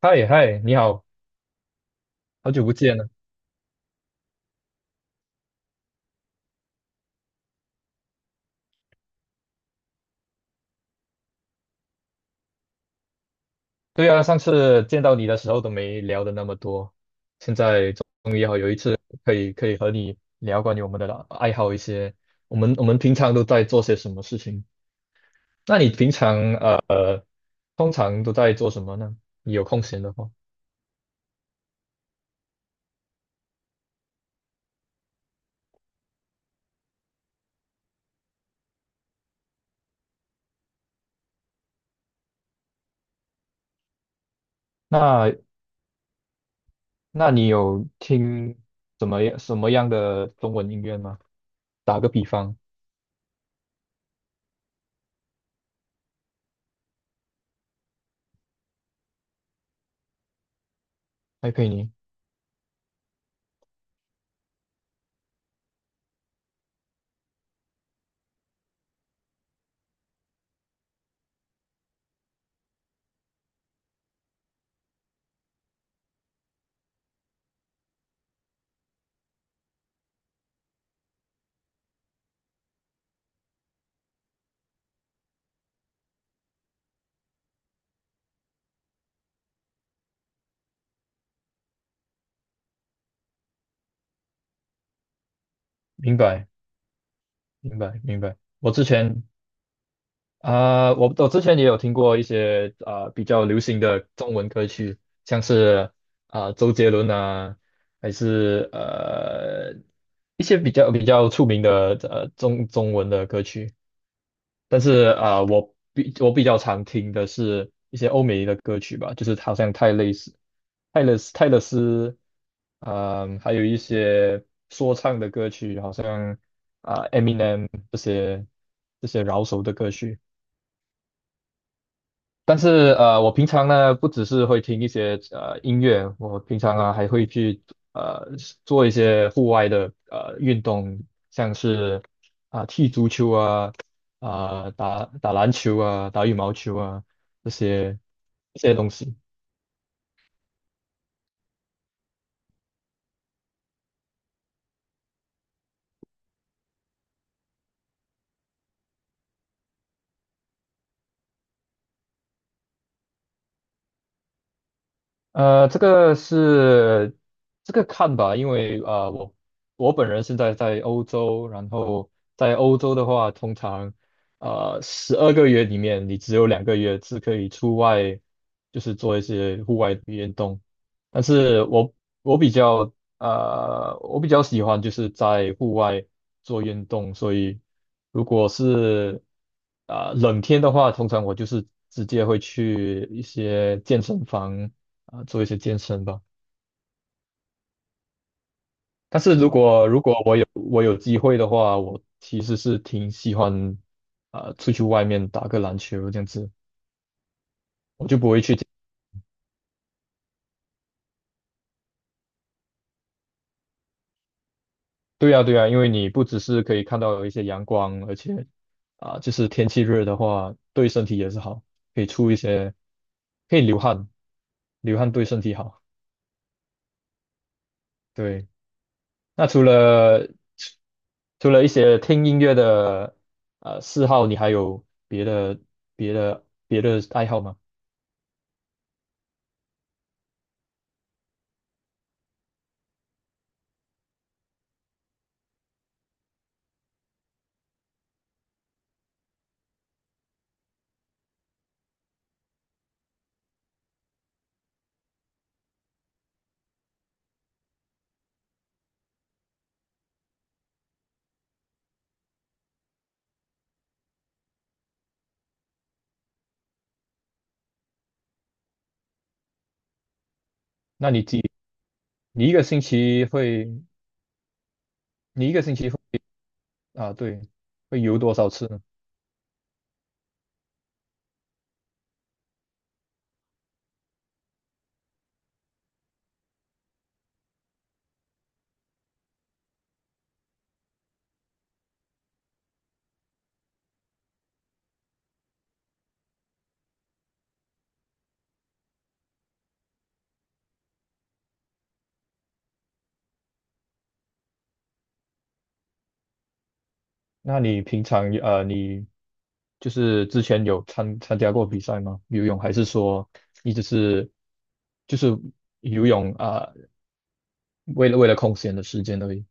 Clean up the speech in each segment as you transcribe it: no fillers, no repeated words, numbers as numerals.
嗨嗨，你好，好久不见了。对啊，上次见到你的时候都没聊的那么多，现在终于好有一次可以和你聊关于我们的爱好一些，我们平常都在做些什么事情？那你平常通常都在做什么呢？你有空闲的话，那那你有听什么样的中文音乐吗？打个比方，还可以你明白明白明白，我之前。我之前也有听过一些比较流行的中文歌曲，像是周杰伦啊，还是一些比较出名的中文的歌曲。但是我比较常听的是一些欧美的歌曲吧，就是好像泰勒斯，还有一些说唱的歌曲，好像Eminem 这些饶舌的歌曲。但是我平常呢不只是会听一些音乐，我平常还会去呃做一些户外的运动，像是踢足球啊，打打篮球啊，打羽毛球啊这些这些东西。呃，这个是这个看吧，因为我本人现在在欧洲，然后在欧洲的话，通常十二个月里面，你只有两个月是可以出外，就是做一些户外的运动。但是我比较我比较喜欢就是在户外做运动，所以如果是冷天的话，通常我就是直接会去一些健身房做一些健身吧。但是如果我有机会的话，我其实是挺喜欢出去外面打个篮球这样子。对呀、对呀、因为你不只是可以看到一些阳光，而且就是天气热的话，对身体也是好，可以出一些，可以流汗，流汗对身体好。对。那除了一些听音乐的嗜好，你还有别的爱好吗？你一个星期会，你一个星期会啊，对，会游多少次呢？那你平常你就是之前有参加过比赛吗？游泳还是说你只是就是游泳为了空闲的时间而已？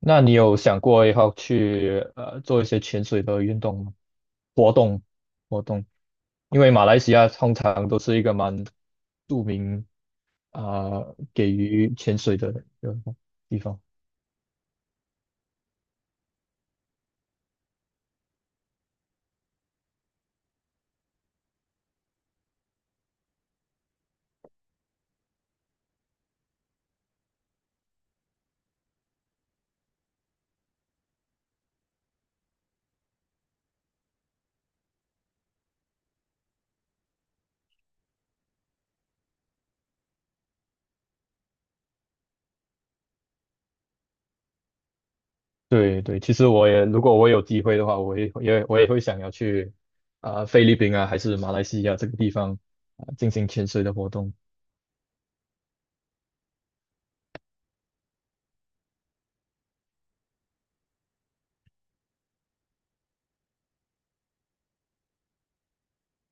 那你有想过以后去做一些潜水的运动吗？活动活动，因为马来西亚通常都是一个蛮著名啊、给予潜水的一个地方。对对，其实我也如果我有机会的话，我也会想要去菲律宾啊，还是马来西亚这个地方进行潜水的活动。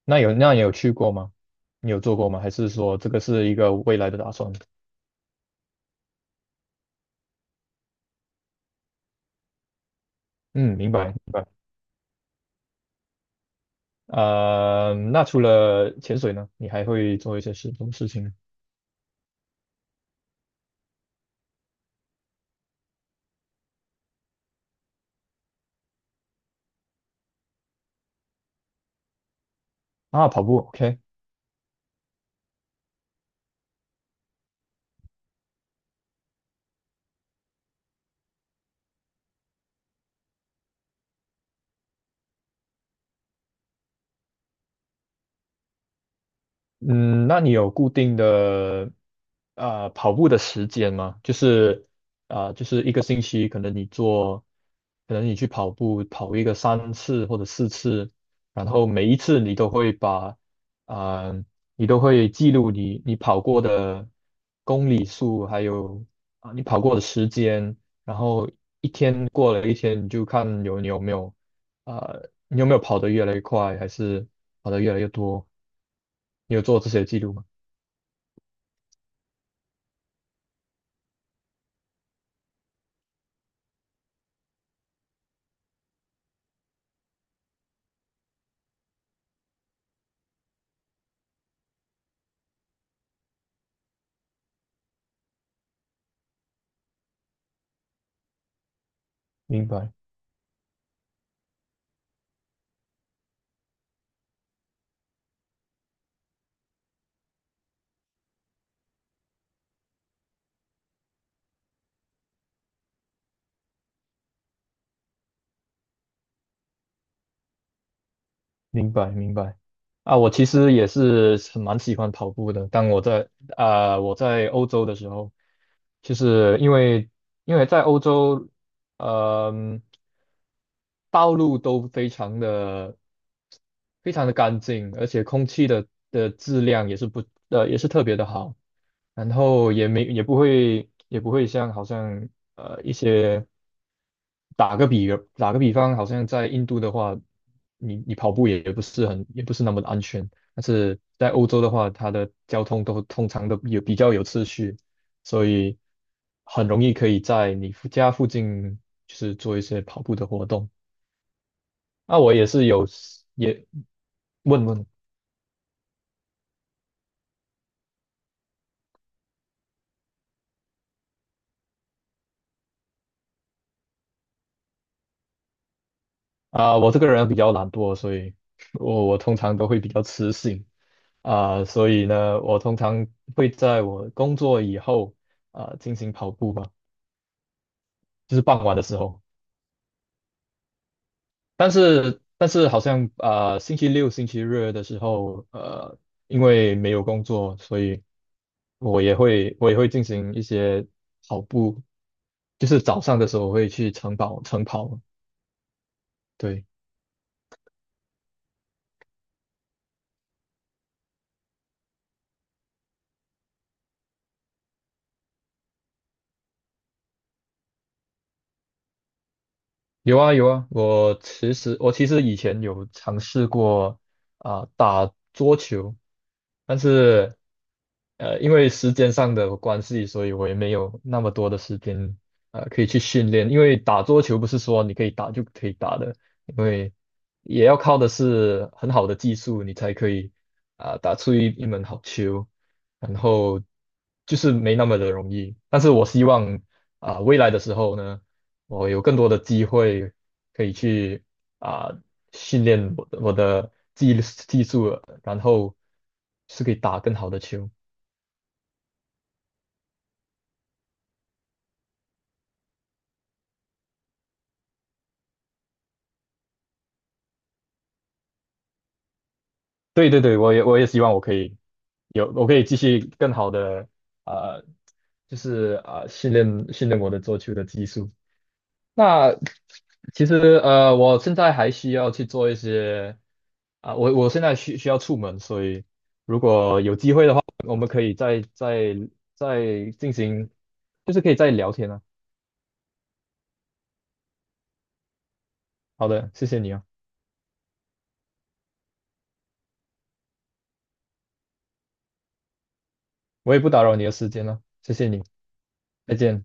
那你有去过吗？你有做过吗？还是说这个是一个未来的打算？嗯，明白明白。那除了潜水呢，你还会做一些什么事情呢？啊，跑步，OK。嗯，那你有固定的跑步的时间吗？就是就是一个星期，可能你去跑步跑一个三次或者四次，然后每一次啊，你都会记录你跑过的公里数，还有你跑过的时间，然后一天过了一天，你就看你有没有。啊。你有没有跑得越来越快，还是跑得越来越多？你有做这些记录吗？明白，明白，明白。啊，我其实也是很蛮喜欢跑步的。当我在啊、我在欧洲的时候，就是因为在欧洲，嗯、道路都非常的非常的干净，而且空气的质量也是特别的好。然后也不会好像一些打个比打个比方，好像在印度的话，你跑步也不是那么的安全，但是在欧洲的话，它的交通都通常都有比较有秩序，所以很容易可以在家附近就是做一些跑步的活动。那我也是有也问问。我这个人比较懒惰，所以我通常都会比较迟醒所以呢，我通常会在我工作以后进行跑步吧，就是傍晚的时候。但是好像星期六、星期日的时候，因为没有工作，所以我也会进行一些跑步，就是早上的时候我会去晨跑晨跑，对。有啊有啊，我其实以前有尝试过打桌球，但是因为时间上的关系，所以我也没有那么多的时间可以去训练。因为打桌球不是说你可以打就可以打的，因为也要靠的是很好的技术，你才可以打出一门好球。然后就是没那么的容易。但是我希望未来的时候呢。我有更多的机会可以去啊、训练我的技术，然后是可以打更好的球。对对对，我也希望我可以继续更好的啊、呃就是训练训练我的做球的技术。那其实我现在还需要去做一些啊，我现在需要出门，所以如果有机会的话，我们可以再进行，就是可以再聊天啊。好的，谢谢你啊，我也不打扰你的时间了，谢谢你，再见。